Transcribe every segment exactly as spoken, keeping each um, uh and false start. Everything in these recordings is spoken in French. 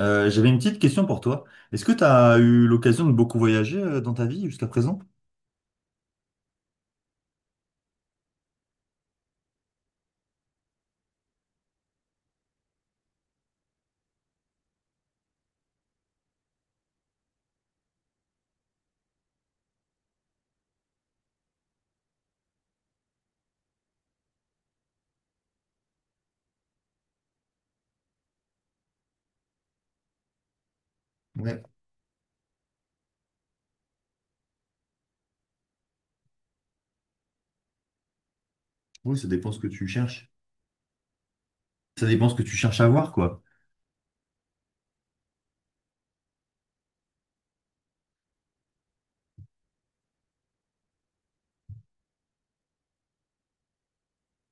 Euh, j'avais une petite question pour toi. Est-ce que tu as eu l'occasion de beaucoup voyager euh, dans ta vie jusqu'à présent? Ouais. Oui, ça dépend ce que tu cherches. Ça dépend ce que tu cherches à voir, quoi.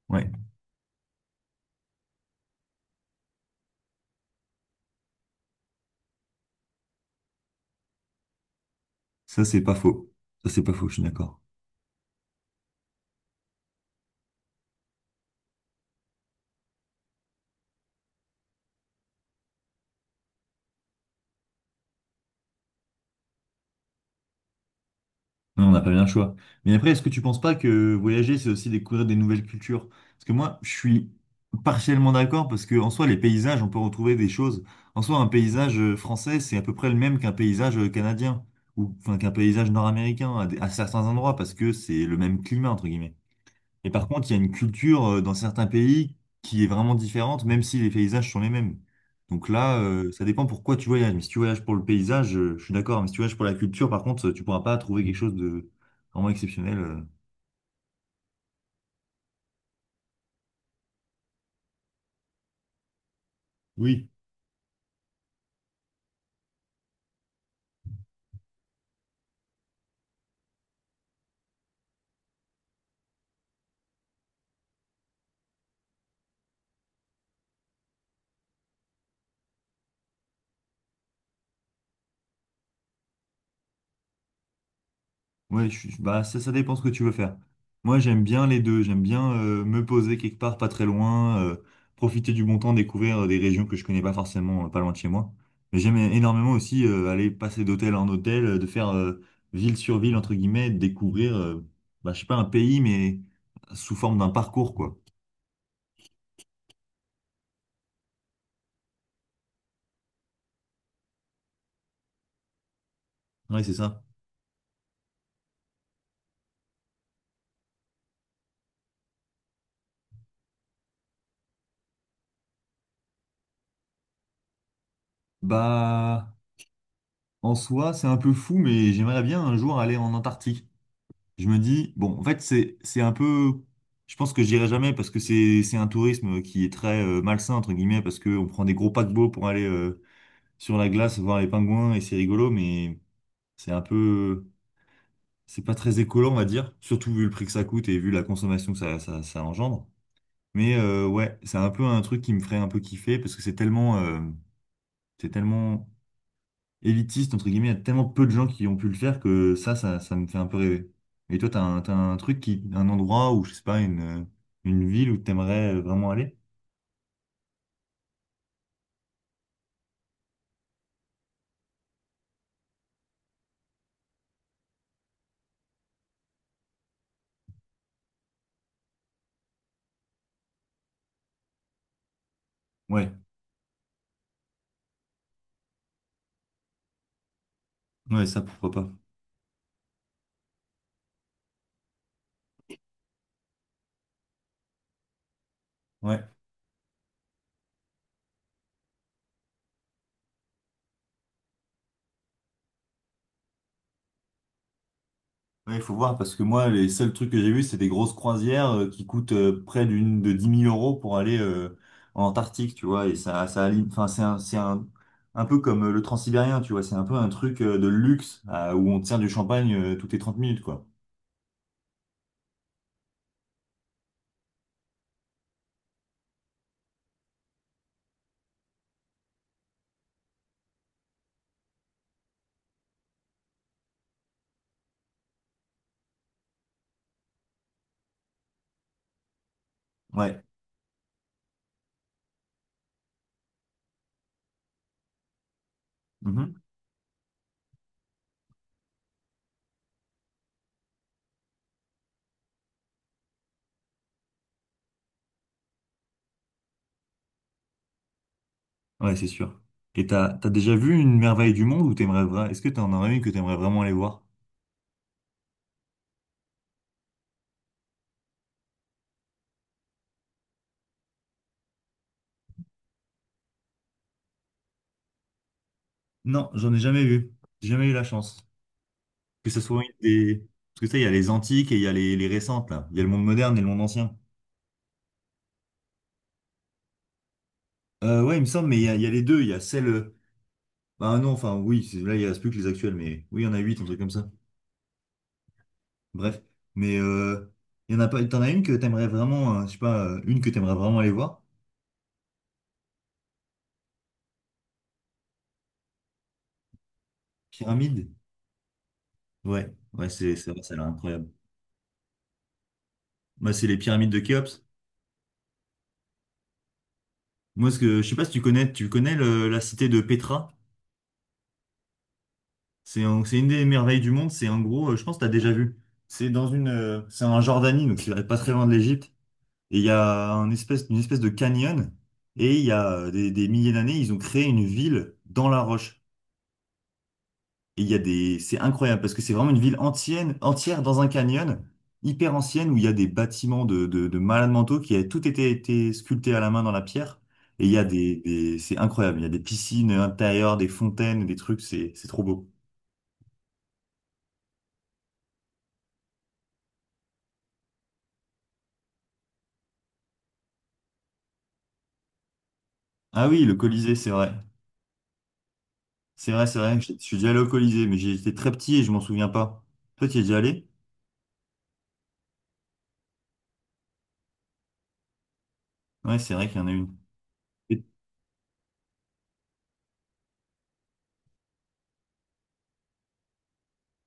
Ouais, ça c'est pas faux. Ça c'est pas faux, je suis d'accord. Non, on n'a pas bien le choix. Mais après, est-ce que tu penses pas que voyager, c'est aussi découvrir des nouvelles cultures? Parce que moi, je suis partiellement d'accord parce que en soi, les paysages, on peut retrouver des choses. En soi, un paysage euh, français, c'est à peu près le même qu'un paysage euh, canadien ou enfin qu'un paysage nord-américain à, des- à certains endroits parce que c'est le même climat entre guillemets. Et par contre, il y a une culture euh, dans certains pays qui est vraiment différente, même si les paysages sont les mêmes. Donc là, euh, ça dépend pourquoi tu voyages. Mais si tu voyages pour le paysage, euh, je suis d'accord. Mais si tu voyages pour la culture, par contre, tu pourras pas trouver quelque chose de vraiment exceptionnel. euh. Oui. Ouais, je suis- bah, ça, ça dépend ce que tu veux faire. Moi, j'aime bien les deux. J'aime bien euh, me poser quelque part, pas très loin, euh, profiter du bon temps, découvrir euh, des régions que je connais pas forcément, euh, pas loin de chez moi. Mais j'aime énormément aussi euh, aller passer d'hôtel en hôtel, euh, de faire euh, ville sur ville, entre guillemets, de découvrir, euh, bah, je sais pas, un pays, mais sous forme d'un parcours, quoi. Ouais, c'est ça. Bah, en soi, c'est un peu fou, mais j'aimerais bien un jour aller en Antarctique. Je me dis, bon, en fait, c'est, c'est un peu, je pense que j'irai jamais parce que c'est, c'est un tourisme qui est très euh, malsain, entre guillemets, parce qu'on prend des gros paquebots pour aller euh, sur la glace voir les pingouins et c'est rigolo, mais c'est un peu, c'est pas très écolo, on va dire, surtout vu le prix que ça coûte et vu la consommation que ça, ça, ça engendre. Mais euh, ouais, c'est un peu un truc qui me ferait un peu kiffer parce que c'est tellement, euh, c'est tellement élitiste, entre guillemets, il y a tellement peu de gens qui ont pu le faire que ça, ça, ça me fait un peu rêver. Et toi, t'as un, t'as un truc qui, un endroit où, je sais pas, une, une ville où t'aimerais euh, vraiment aller? Ouais, ouais, ça, pourquoi pas. Ouais. Ouais, il faut voir parce que moi, les seuls trucs que j'ai vus, c'est des grosses croisières euh, qui coûtent euh, près d'une de dix mille euros pour aller euh, en Antarctique, tu vois. Et ça, ça, aligne- enfin, c'est un, c'est un, un peu comme euh, le Transsibérien, tu vois. C'est un peu un truc euh, de luxe euh, où on tient du champagne euh, toutes les trente minutes, quoi. Ouais. Mhm. Ouais, c'est sûr. Et t'as, t'as déjà vu une merveille du monde ou t'aimerais vraiment, est-ce que t'en aurais une que t'aimerais vraiment aller voir? Non, j'en ai jamais vu. J'ai jamais eu la chance. Que ce soit une des, parce que tu sais, il y a les antiques et il y a les, les récentes, là. Il y a le monde moderne et le monde ancien. Euh, ouais, il me semble, mais il y a, il y a les deux. Il y a celle, euh, bah non, enfin, oui, c'est- là, il reste plus que les actuelles, mais oui, il y en a huit, un truc comme ça. Bref. Mais, euh, il y en a pas, t'en as une que t'aimerais vraiment, euh, je sais pas, euh, une que t'aimerais vraiment aller voir? Pyramide? Ouais, ouais, c'est, c'est vrai, celle-là, incroyable. Moi, c'est les pyramides de Khéops. Moi, ce que je sais pas si tu connais, tu connais le- la cité de Petra. C'est un- c'est une des merveilles du monde. C'est en gros, euh, je pense que tu as déjà vu. C'est dans une, euh, c'est en Jordanie, donc c'est pas très loin de l'Égypte. Et il y a un espèce, une espèce de canyon. Et il y a euh, des, des milliers d'années, ils ont créé une ville dans la roche. Et il y a des, c'est incroyable parce que c'est vraiment une ville entière, entière dans un canyon, hyper ancienne, où il y a des bâtiments de, de, de malades mentaux qui avaient tout été, été sculptés à la main dans la pierre. Et il y a des, des- c'est incroyable. Il y a des piscines intérieures, des fontaines, des trucs, c'est, c'est trop beau. Ah oui, le Colisée, c'est vrai. C'est vrai, c'est vrai. Je, je suis déjà allé au Colisée, mais j'étais très petit et je m'en souviens pas. Toi, tu y es déjà allé? Ouais, c'est vrai qu'il y en a une. Et-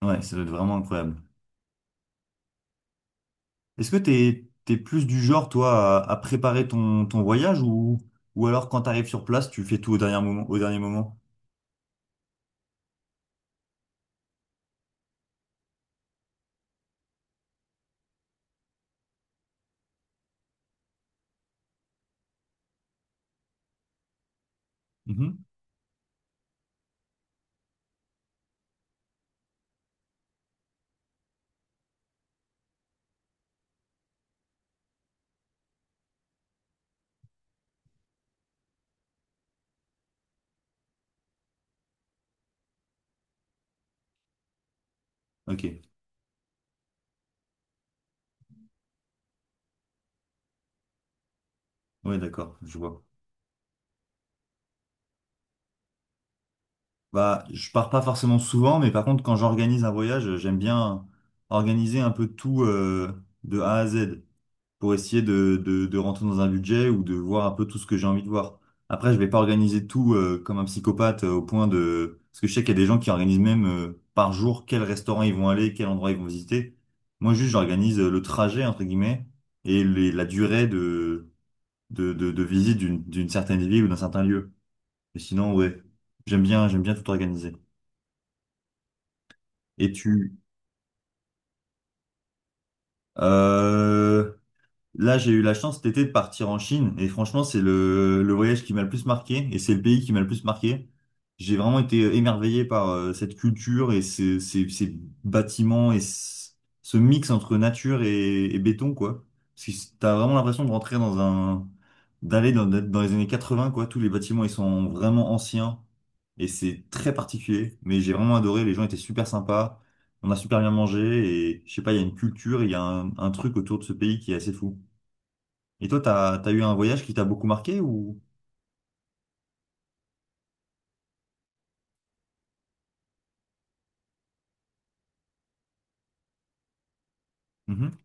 Ouais, ça doit être vraiment incroyable. Est-ce que t'es, t'es plus du genre, toi, à, à préparer ton, ton voyage ou, ou alors quand t'arrives sur place, tu fais tout au dernier moment, au dernier moment? Mhm. Ok. Ouais, d'accord, je vois. Bah, je pars pas forcément souvent, mais par contre, quand j'organise un voyage, j'aime bien organiser un peu tout, euh, de A à Z. Pour essayer de, de, de rentrer dans un budget ou de voir un peu tout ce que j'ai envie de voir. Après, je vais pas organiser tout euh, comme un psychopathe euh, au point de... Parce que je sais qu'il y a des gens qui organisent même euh, par jour quel restaurant ils vont aller, quel endroit ils vont visiter. Moi, juste, j'organise euh, le trajet, entre guillemets, et les- la durée de, de, de, de visite d'une, d'une certaine ville ou d'un certain lieu. Mais sinon, ouais, j'aime bien, j'aime bien tout organiser. Et tu... Euh, Là, j'ai eu la chance cet été de partir en Chine et franchement, c'est le, le voyage qui m'a le plus marqué et c'est le pays qui m'a le plus marqué. J'ai vraiment été émerveillé par euh, cette culture et ces, ces, ces bâtiments et ce ce mix entre nature et, et béton, quoi. Parce que c'est- t'as vraiment l'impression de rentrer dans un, d'aller dans, d'être dans les années quatre-vingt, quoi. Tous les bâtiments, ils sont vraiment anciens et c'est très particulier. Mais j'ai vraiment adoré. Les gens étaient super sympas. On a super bien mangé et je sais pas, il y a une culture, il y a un, un truc autour de ce pays qui est assez fou. Et toi, t'as, t'as eu un voyage qui t'a beaucoup marqué ou? Mhm.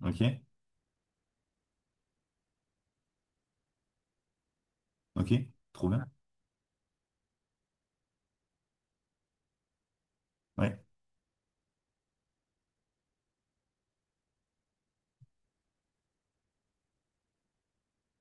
Ok, ok, trop bien. Ouais.